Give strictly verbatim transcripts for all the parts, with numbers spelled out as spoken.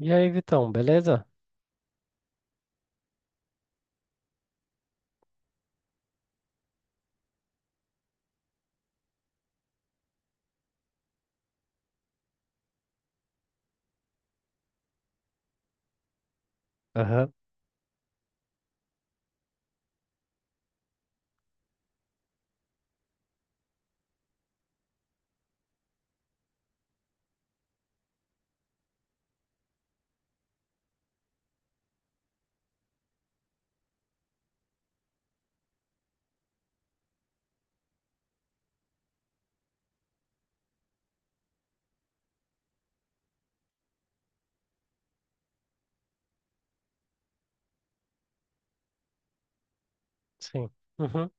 E aí, Vitão, beleza? Aham, sim. Uhum,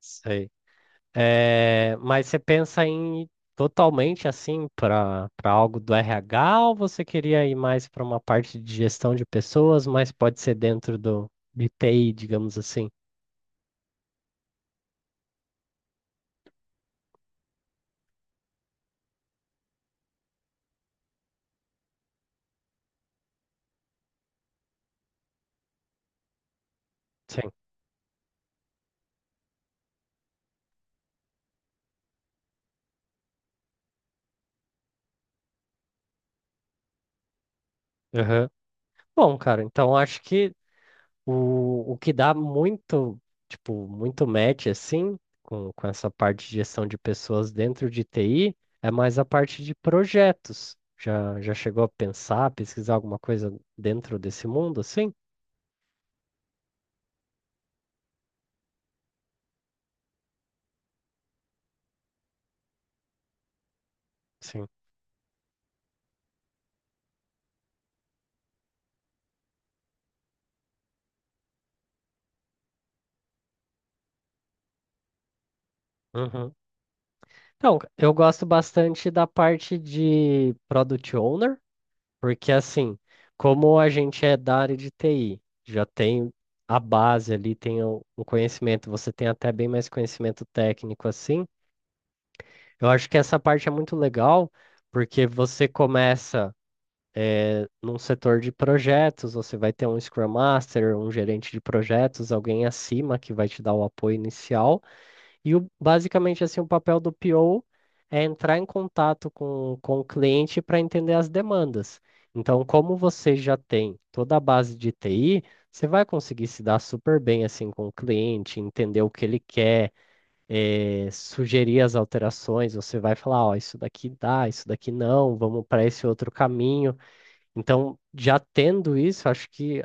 sei. É, mas você pensa em ir totalmente assim para para algo do R H ou você queria ir mais para uma parte de gestão de pessoas, mas pode ser dentro do de T I, digamos assim? Sim. Aham. Bom, cara, então acho que O, o que dá muito, tipo, muito match, assim, com, com essa parte de gestão de pessoas dentro de T I, é mais a parte de projetos. Já, já chegou a pensar, pesquisar alguma coisa dentro desse mundo, assim? Sim. Uhum. Então, eu gosto bastante da parte de Product Owner, porque, assim, como a gente é da área de T I, já tem a base ali, tem o o conhecimento, você tem até bem mais conhecimento técnico, assim. Eu acho que essa parte é muito legal, porque você começa num setor de projetos, você vai ter um Scrum Master, um gerente de projetos, alguém acima que vai te dar o apoio inicial. E o- basicamente assim, o papel do P O é entrar em contato com, com o cliente para entender as demandas. Então, como você já tem toda a base de T I, você vai conseguir se dar super bem assim com o cliente, entender o que ele quer, eh, sugerir as alterações, você vai falar, ó, isso daqui dá, isso daqui não, vamos para esse outro caminho. Então, já tendo isso, acho que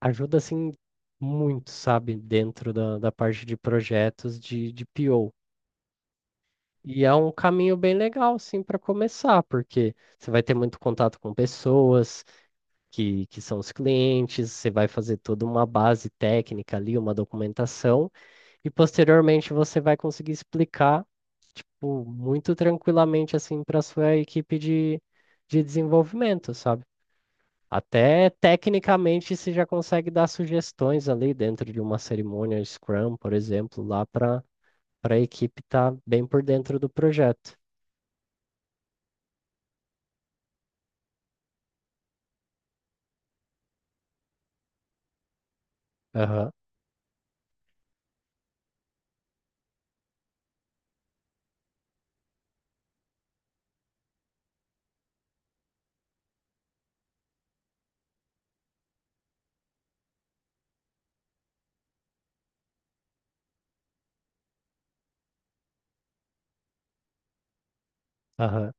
ajuda assim muito, sabe, dentro da, da parte de projetos de, de P O. E é um caminho bem legal, assim, para começar, porque você vai ter muito contato com pessoas que, que são os clientes, você vai fazer toda uma base técnica ali, uma documentação. E posteriormente você vai conseguir explicar, tipo, muito tranquilamente assim para sua equipe de, de desenvolvimento, sabe? Até tecnicamente você já consegue dar sugestões ali dentro de uma cerimônia Scrum, por exemplo, lá para para a equipe estar bem por dentro do projeto. Aham, aham.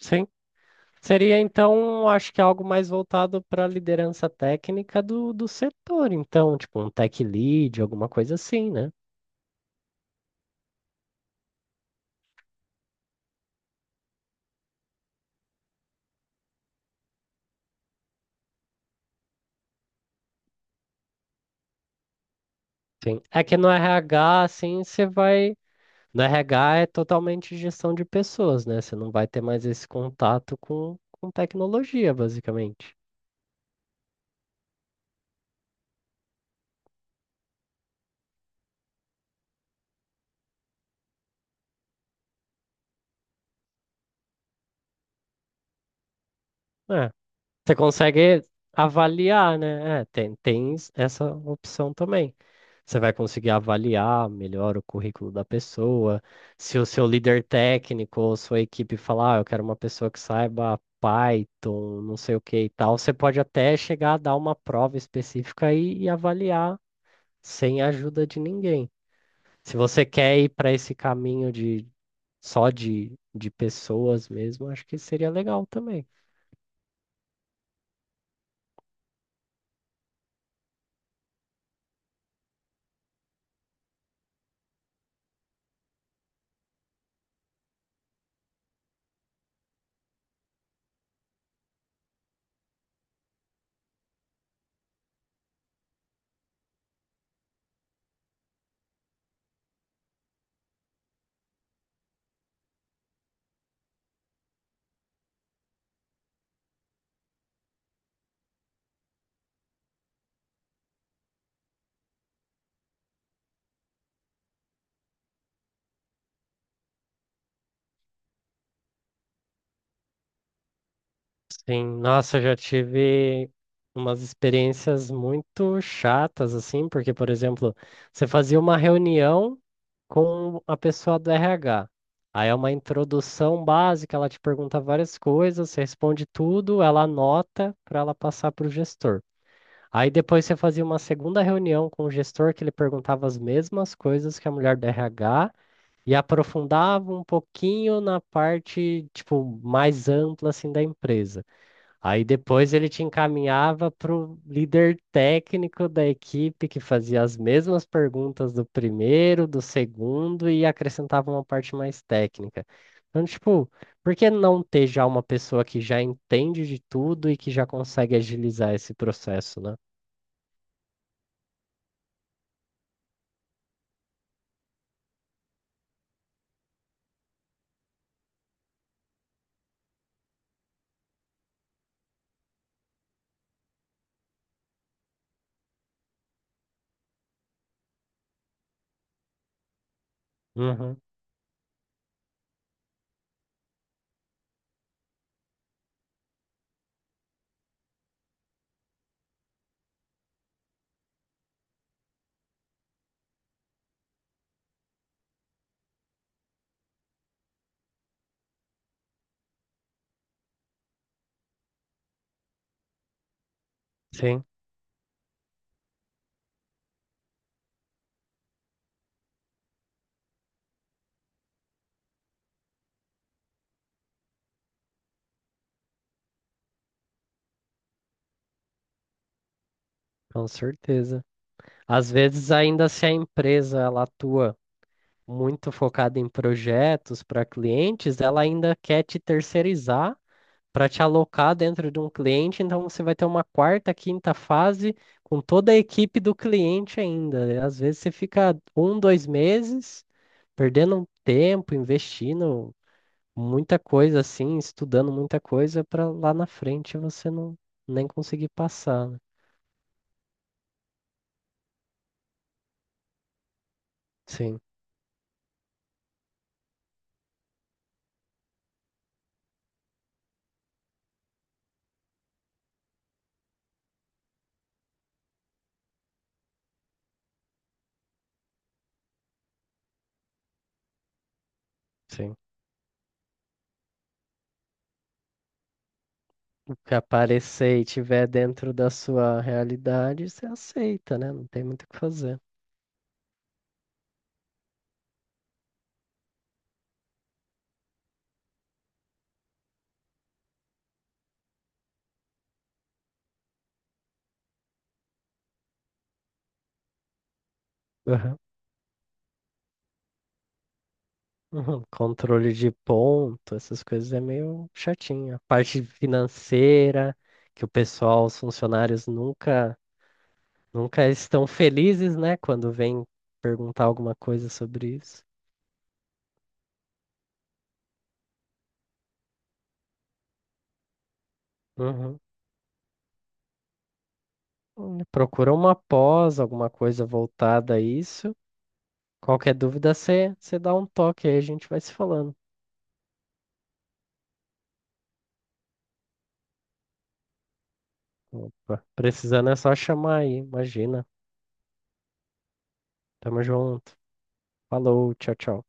Sim. Seria então, acho que algo mais voltado para a liderança técnica do, do setor, então, tipo um tech lead, alguma coisa assim, né? Sim. É que no R H, assim, você vai. No R H é totalmente gestão de pessoas, né? Você não vai ter mais esse contato com, com tecnologia, basicamente. É. Você consegue avaliar, né? É, tem, tem s- essa opção também. Você vai conseguir avaliar melhor o currículo da pessoa. Se o seu líder técnico ou sua equipe falar, ah, eu quero uma pessoa que saiba Python, não sei o que e tal, você pode até chegar a dar uma prova específica e e avaliar sem ajuda de ninguém. Se você quer ir para esse caminho de só de, de pessoas mesmo, acho que seria legal também. Sim, nossa, eu já tive umas experiências muito chatas, assim, porque, por exemplo, você fazia uma reunião com a pessoa do R H. Aí é uma introdução básica, ela te pergunta várias coisas, você responde tudo, ela anota para ela passar para o gestor. Aí depois você fazia uma segunda reunião com o gestor que ele perguntava as mesmas coisas que a mulher do R H e aprofundava um pouquinho na parte, tipo, mais ampla assim da empresa. Aí depois ele te encaminhava para o líder técnico da equipe que fazia as mesmas perguntas do primeiro, do segundo e acrescentava uma parte mais técnica. Então, tipo, por que não ter já uma pessoa que já entende de tudo e que já consegue agilizar esse processo, né? Uhum. Sim, com certeza. Às vezes, ainda se a empresa ela atua muito focada em projetos para clientes, ela ainda quer te terceirizar para te alocar dentro de um cliente, então você vai ter uma quarta, quinta fase com toda a equipe do cliente ainda. E às vezes você fica um, dois meses perdendo um tempo, investindo muita coisa assim, estudando muita coisa para lá na frente você não nem conseguir passar, né? Sim, sim. Que aparecer e tiver dentro da sua realidade, você aceita, né? Não tem muito o que fazer. Aham. Uhum. Controle de ponto, essas coisas é meio chatinho. A parte financeira, que o pessoal, os funcionários nunca, nunca estão felizes, né? Quando vem perguntar alguma coisa sobre isso. Uhum. Hum, procura uma pós, alguma coisa voltada a isso. Qualquer dúvida, você você dá um toque aí, a gente vai se falando. Opa, precisando é só chamar aí, imagina. Tamo junto. Falou, tchau, tchau.